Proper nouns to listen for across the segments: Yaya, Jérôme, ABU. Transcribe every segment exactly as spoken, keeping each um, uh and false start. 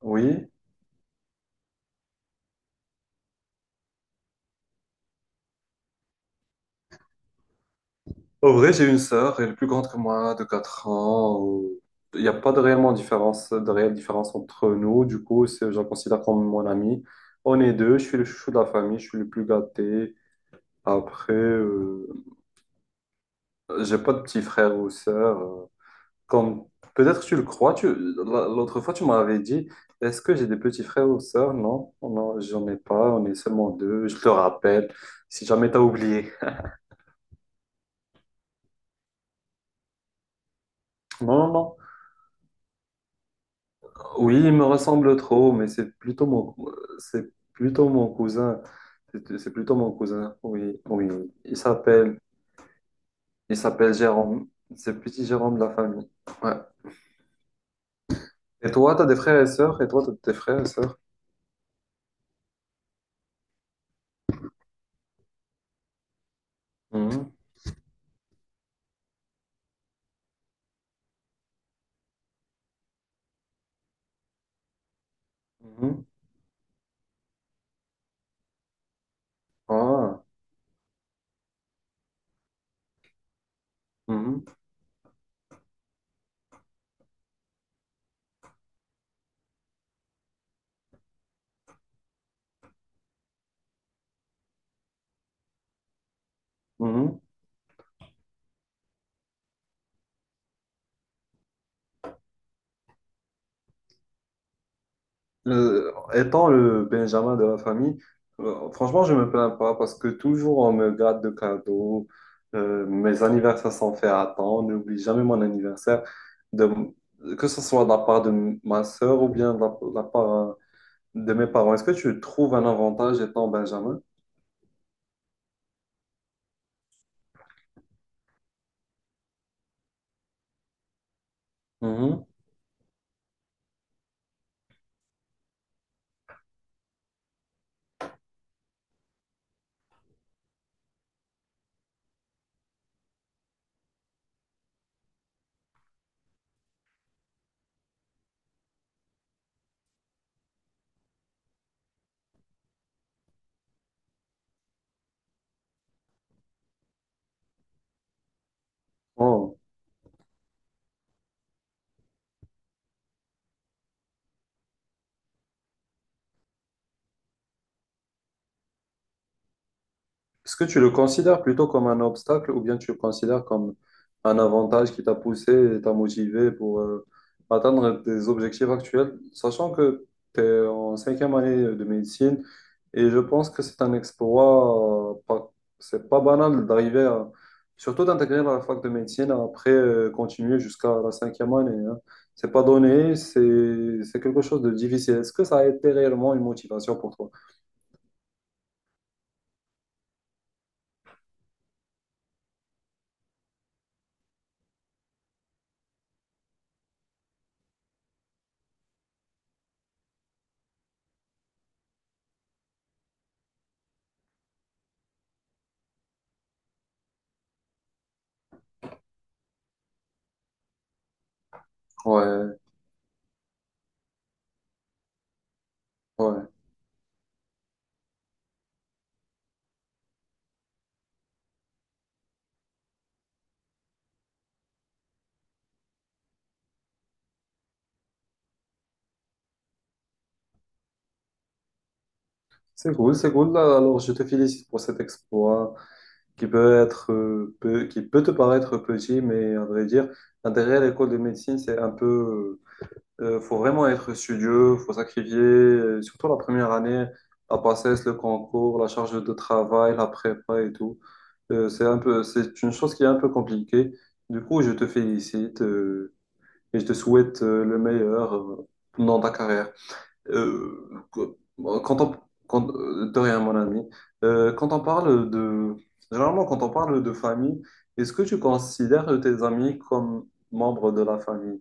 Oui, au vrai, j'ai une sœur, elle est plus grande que moi, de quatre ans. ou- Il n'y a pas de réellement différence, de réelle différence entre nous. Du coup, c'est- je la considère comme mon amie. On est deux, je suis le chouchou de la famille, je suis le plus gâté. Après, euh, j'ai pas de petits frères ou sœurs. euh, Comme peut-être tu le crois, tu... la- l'autre fois tu m'avais dit, est-ce que j'ai des petits frères ou sœurs? Non, non, j'en ai pas, on est seulement deux. Je te rappelle, si jamais t'as oublié. Non, non, non. Oui, il me ressemble trop, mais c'est plutôt mon, c'est plutôt mon cousin. C'est c'est plutôt mon cousin, oui, oui. Il s'appelle, il s'appelle Jérôme. C'est le petit Jérôme de la famille. Ouais. Et toi, t'as des frères et sœurs? Et toi, t'as des frères et sœurs? Mhm, mhm. Ah, mhm, mhm. Euh, étant le Benjamin de la famille, euh, franchement, je me plains pas parce que toujours on me garde de cadeaux. Euh, mes anniversaires sont faits à temps. On n'oublie jamais mon anniversaire, de, que ce soit de la part de ma sœur ou bien de la, de la part euh, de mes parents. Est-ce que tu trouves un avantage étant Benjamin? Mhm. Oh. Est-ce que tu le considères plutôt comme un obstacle ou bien tu le considères comme un avantage qui t'a poussé et t'a motivé pour euh, atteindre tes objectifs actuels, sachant que tu es en cinquième année de médecine et je pense que c'est un exploit, euh, pas- c'est pas banal d'arriver à, surtout d'intégrer la fac de médecine après euh, continuer jusqu'à la cinquième année, hein. C'est pas donné, c'est, c'est quelque chose de difficile. Est-ce que ça a été réellement une motivation pour toi? Ouais, ouais. C'est cool, c'est cool. Bah, alors, je te félicite pour cet exploit qui peut être, euh, peu- qui peut te paraître petit, mais à vrai dire, derrière l'école de médecine, c'est un peu, euh, euh, faut vraiment être studieux, faut sacrifier, euh, surtout la première année, la passesse, le concours, la charge de travail, la prépa et tout. Euh, c'est un peu, c'est une chose qui est un peu compliquée. Du coup, je te félicite, euh, et je te souhaite, euh, le meilleur, euh, dans ta carrière. Euh, quand on, quand, euh, de rien, mon ami. Euh, quand on parle de, Généralement, quand on parle de famille, est-ce que tu considères tes amis comme membres de la famille?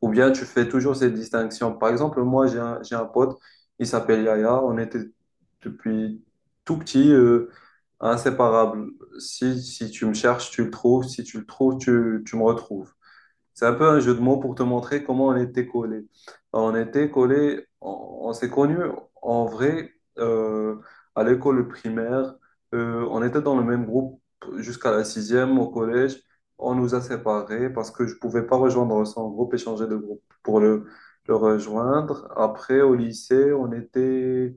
Ou bien tu fais toujours cette distinction? Par exemple, moi, j'ai un, j'ai un pote, il s'appelle Yaya, on était depuis tout petit, euh, inséparables. Si, si tu me cherches, tu le trouves, si tu le trouves, tu, tu me retrouves. C'est un peu un jeu de mots pour te montrer comment on était collés. On était collés, on, on s'est connus en vrai euh, à l'école primaire. Euh, on était dans le même groupe jusqu'à la sixième au collège. On nous a séparés parce que je pouvais pas rejoindre son groupe et changer de groupe pour le, le rejoindre. Après, au lycée, on était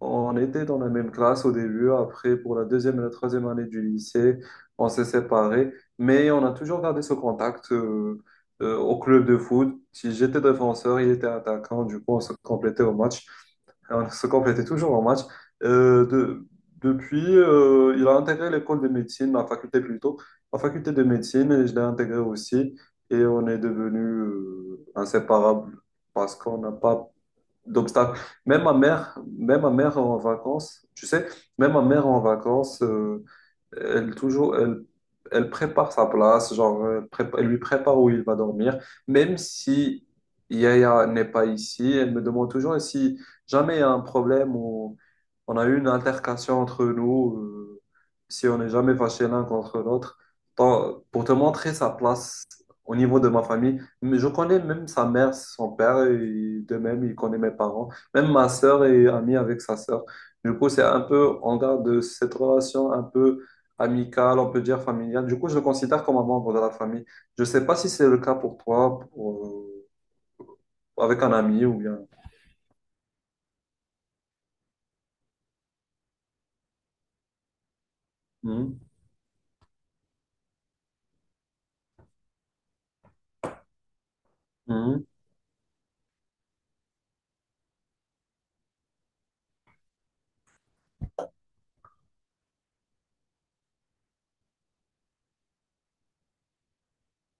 on était dans la même classe au début, après pour la deuxième et la troisième année du lycée, on s'est séparés, mais on a toujours gardé ce contact euh, euh, au club de foot. Si j'étais défenseur, il était attaquant, du coup on se complétait au match. Et on se complétait toujours au match. Euh, de- Depuis, euh, il a intégré l'école de médecine, ma faculté plutôt, ma faculté de médecine, et je l'ai intégré aussi, et on est devenus euh, inséparables parce qu'on n'a pas d'obstacles. Même ma mère, même ma mère en vacances, tu sais, même ma mère en vacances, euh, elle toujours, elle, elle prépare sa place, genre, elle, prépa- elle lui prépare où il va dormir, même si Yaya n'est pas ici, elle me demande toujours et si jamais il y a un problème ou on a eu une altercation entre nous, euh, si on n'est jamais fâché l'un contre l'autre. Tant- Pour te montrer sa place au niveau de ma famille, mais je connais même sa mère, son père, et de même, il connaît mes parents. Même ma sœur est amie avec sa sœur. Du coup, c'est un peu, on garde cette relation un peu amicale, on peut dire familiale. Du coup, je le considère comme un membre de la famille. Je ne sais pas si c'est le cas pour toi, pour, euh, avec un ami ou bien. Mhm, mhm,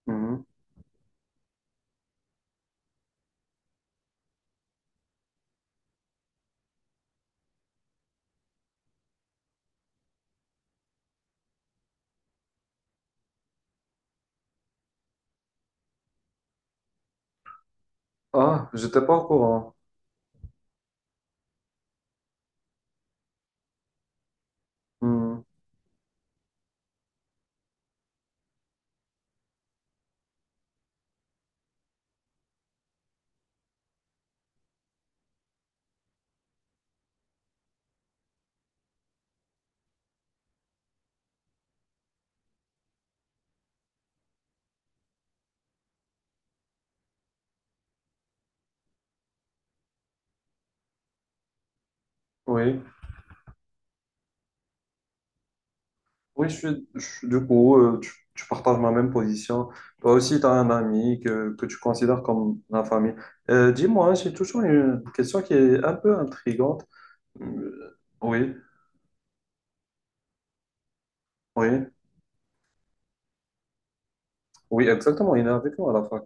mhm. Ah, j'étais pas au courant. Mhm. Oui, oui, je suis, je- suis- du coup, euh, tu, tu partages ma même position. Toi aussi, tu as un ami que, que tu considères comme la famille. Euh, dis-moi, j'ai toujours une question qui est un peu intrigante. Euh, oui, oui, oui, exactement, il est avec nous à la fac.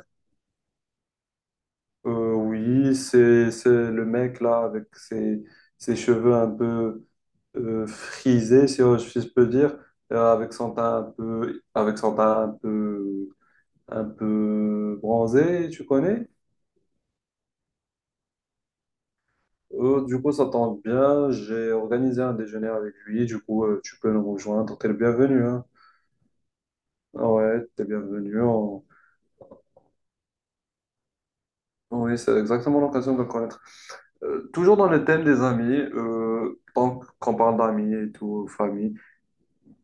Euh, oui, c'est, c'est le mec là avec ses, ses cheveux un peu euh, frisés, si je si je peux dire, euh, avec son teint un peu, avec son teint un peu, un peu bronzé, tu connais? Euh, du coup, ça tombe bien. J'ai organisé un déjeuner avec lui. Du coup, euh, tu peux nous rejoindre. T'es le bienvenu, hein. Ah ouais, t'es le bienvenu. On- Oui, c'est exactement l'occasion de le connaître. Euh, toujours dans le thème des amis, euh, tant qu'on parle d'amis et tout, famille,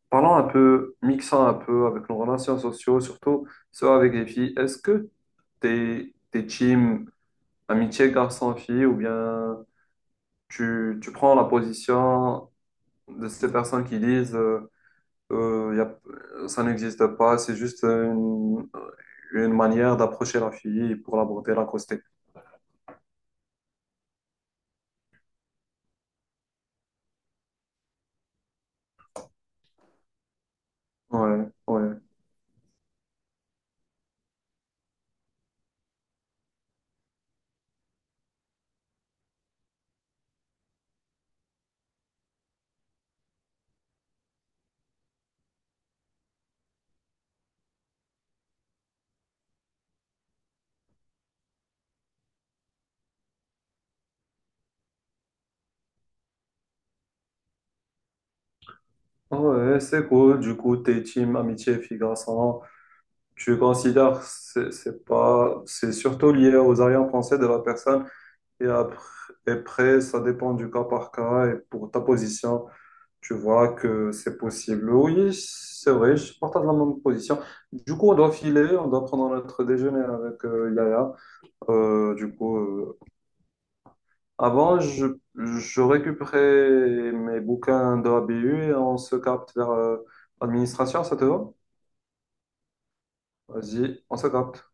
parlons un peu, mixant un peu avec nos relations sociaux, surtout ceux avec les filles. Est-ce que t'es, t'es team amitié garçon-fille ou bien tu, tu prends la position de ces personnes qui disent... euh, Euh, y a- euh, ça n'existe pas, c'est juste euh, une, euh, une manière d'approcher la fille pour l'aborder, l'accoster. Ouais, ouais. Ah ouais, c'est cool. Du coup, t'es team amitié fille-garçon. Tu considères, c'est c'est pas, c'est surtout lié aux arrière-pensées de la personne. Et après, après, ça dépend du cas par cas. Et pour ta position, tu vois que c'est possible. Oui, c'est vrai, je partage la même position. Du coup, on doit filer, on doit prendre notre déjeuner avec euh, Yaya. Euh, du coup, euh, avant, je, je récupérais mes bouquins de A B U et on se capte vers euh, l'administration, ça te va? Vas-y, on se capte.